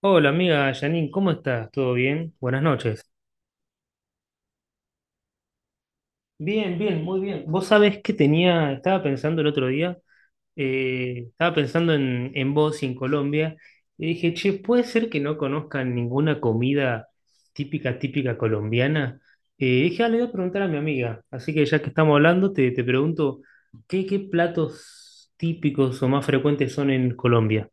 Hola amiga Janine, ¿cómo estás? ¿Todo bien? Buenas noches. Bien, bien, muy bien. Vos sabés que tenía, estaba pensando el otro día, estaba pensando en vos y en Colombia, y dije, che, ¿puede ser que no conozcan ninguna comida típica, típica colombiana? Dije, ah, le voy a preguntar a mi amiga, así que ya que estamos hablando, te pregunto, qué platos típicos o más frecuentes son en Colombia?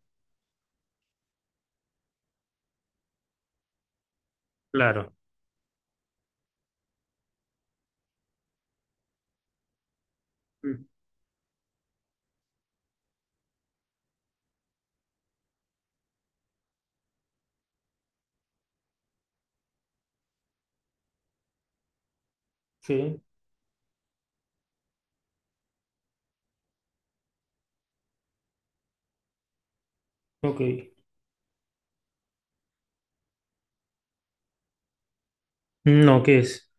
Claro. Mm. Sí, ok. No, ¿qué es?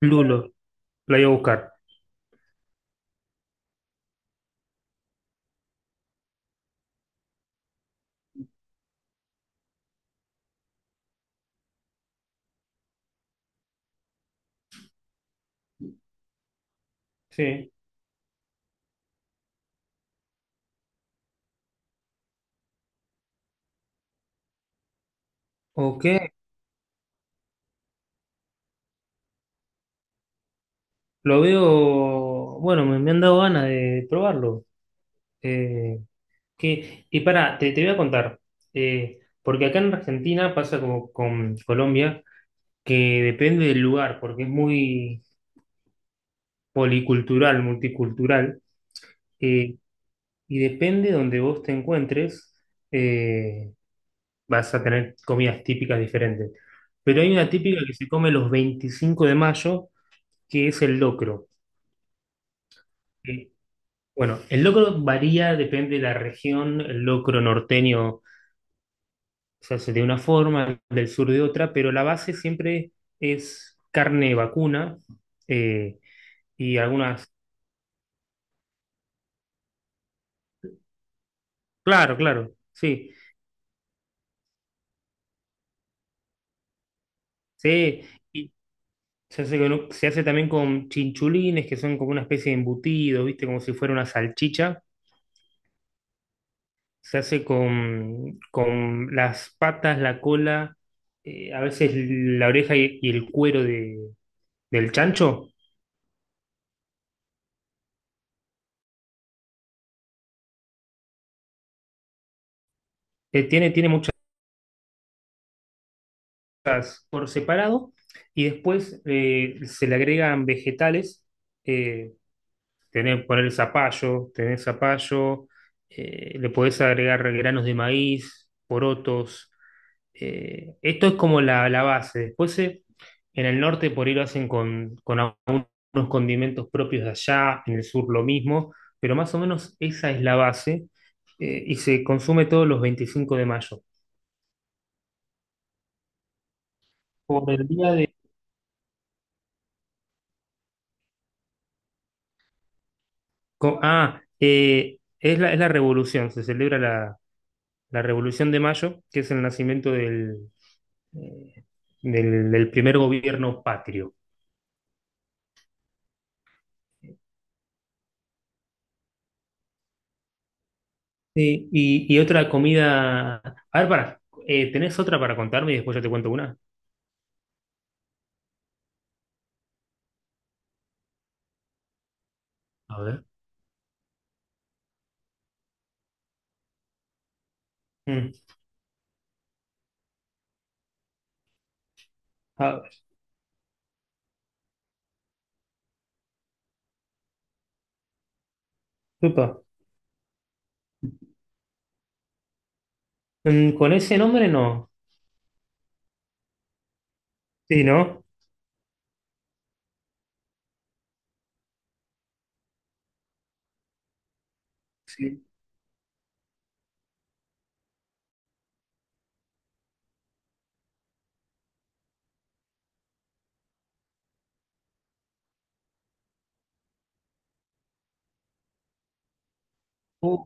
Lulo, la voy a buscar. Sí. Ok, lo veo, bueno, me han dado ganas de probarlo. Eh, que, y pará, te voy a contar, porque acá en Argentina pasa como con Colombia, que depende del lugar, porque es muy policultural, multicultural, eh, y depende donde vos te encuentres, eh, vas a tener comidas típicas diferentes. Pero hay una típica que se come los 25 de mayo, que es el locro. Bueno, el locro varía, depende de la región. El locro norteño se hace de una forma, el del sur de otra, pero la base siempre es carne vacuna eh, y algunas. Claro, claro, sí. Sí, y se hace, se hace también con chinchulines, que son como una especie de embutido, ¿viste? Como si fuera una salchicha. Se hace con las patas, la cola, a veces la oreja y el cuero del chancho. Tiene por separado y después se le agregan vegetales. Eh, tenés zapallo, le podés agregar granos de maíz, porotos. Esto es como la base. Después en el norte por ahí lo hacen con algunos condimentos propios de allá, en el sur lo mismo, pero más o menos esa es la base y se consume todos los 25 de mayo. Por el día de es es la revolución, se celebra la Revolución de Mayo, que es el nacimiento eh, del primer gobierno patrio. Sí, y otra comida. A ver, para, ¿tenés otra para contarme y después yo te cuento una? A ver. Mm. A ver, upa. Mm, con ese nombre no. Sí, ¿no? Sí. Uh,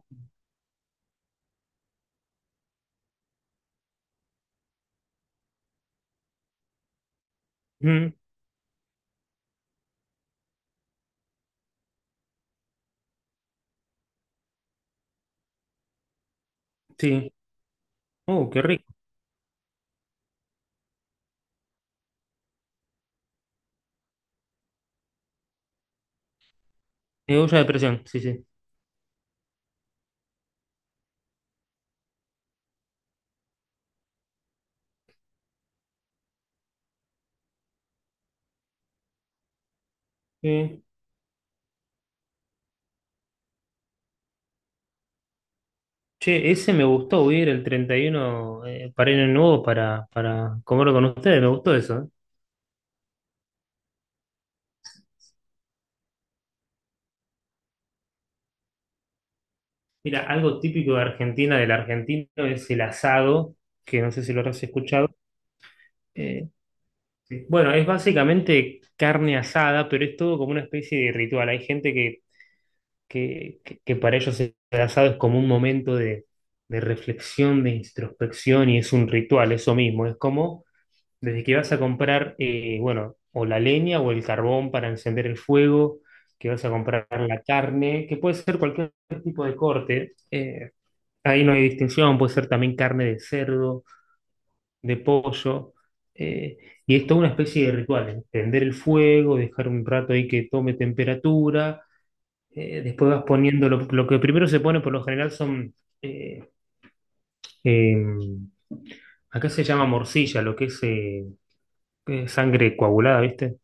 mm, sí. Qué rico. Olla de presión, sí, sí. Sí. Che, ese me gustó, voy a ir el 31 para ir nuevo para comerlo con ustedes, me gustó eso. Mira, algo típico de Argentina, del argentino, es el asado, que no sé si lo habrás escuchado. Eh, sí. Bueno, es básicamente carne asada, pero es todo como una especie de ritual. Hay gente que para ellos el asado es como un momento de reflexión, de introspección, y es un ritual, eso mismo, es como desde que vas a comprar, bueno, o la leña o el carbón para encender el fuego, que vas a comprar la carne, que puede ser cualquier tipo de corte. Ahí no hay distinción, puede ser también carne de cerdo, de pollo. eh, y es toda una especie de ritual, encender el fuego, dejar un rato ahí que tome temperatura. Después vas poniendo, lo que primero se pone por lo general son, eh, em, acá se llama morcilla, lo que es sangre coagulada, ¿viste?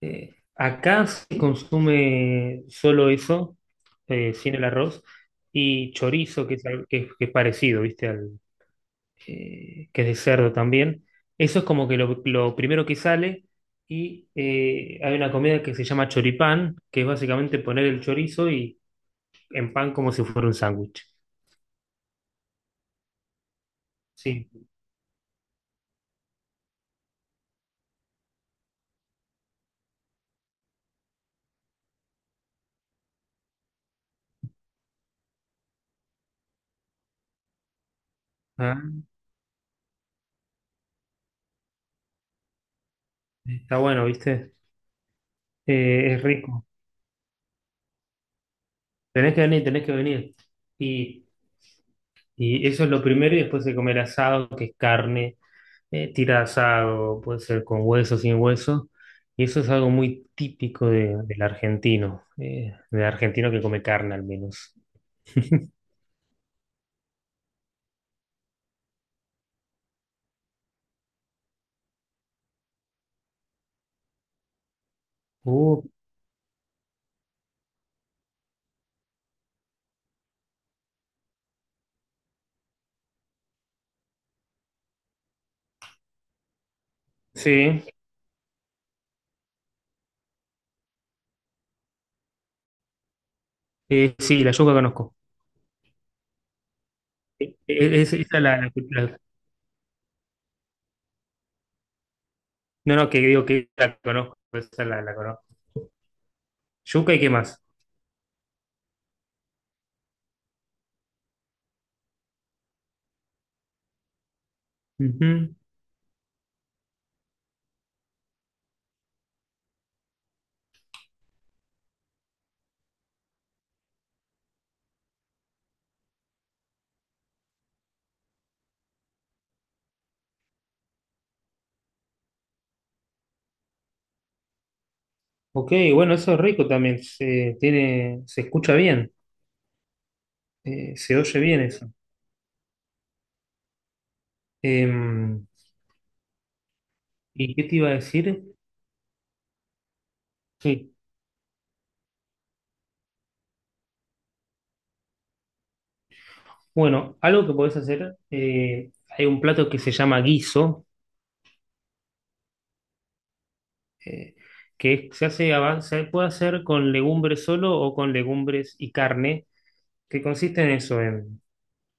Acá se consume solo eso, sin el arroz, y chorizo, que es parecido, ¿viste? Al, que es de cerdo también. Eso es como que lo primero que sale. Y hay una comida que se llama choripán, que es básicamente poner el chorizo y en pan como si fuera un sándwich. Sí, ah, está bueno, ¿viste? Es rico. Tenés que venir, tenés que venir. Y, y eso es lo primero, y después se come el asado, que es carne tira asado, puede ser con hueso, sin hueso, y eso es algo muy típico del argentino que come carne al menos. Uh, sí, sí, la yuca conozco. Es- esa la, la- la- no, no, que digo que la conozco, esa la conozco. Yuca y qué más. Ujú. Ok, bueno, eso es rico también, se, tiene, se escucha bien, se oye bien eso. Em, ¿y qué te iba a decir? Sí. Bueno, algo que podés hacer, hay un plato que se llama guiso, eh, se hace, se puede hacer con legumbres solo o con legumbres y carne, que consiste en eso,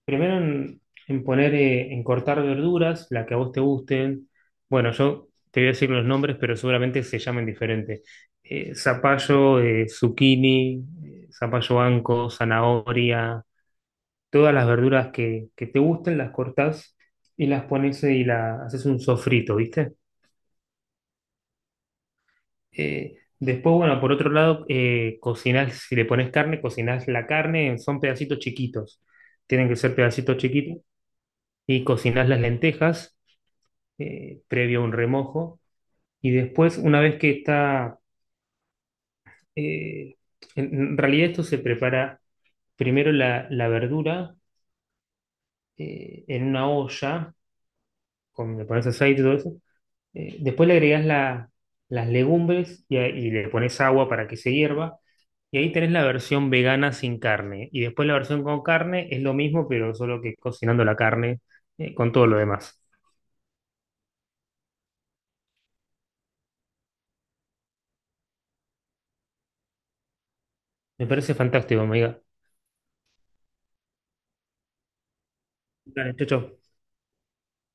primero en poner, en cortar verduras, la que a vos te gusten. Bueno, yo te voy a decir los nombres, pero seguramente se llamen diferente. Zapallo, zucchini, zapallo anco, zanahoria. Todas las verduras que te gusten, las cortás y las pones y la, haces un sofrito, ¿viste? Después, bueno, por otro lado, cocinás, si le pones carne, cocinás la carne, son pedacitos chiquitos, tienen que ser pedacitos chiquitos, y cocinás las lentejas previo a un remojo, y después, una vez que está, eh, en realidad esto se prepara primero la verdura en una olla, con, le pones aceite y todo eso, eh, después le agregas las legumbres y, y le pones agua para que se hierva. Y ahí tenés la versión vegana sin carne. Y después la versión con carne es lo mismo, pero solo que cocinando la carne con todo lo demás. Me parece fantástico, amiga. Dale, chau, chau.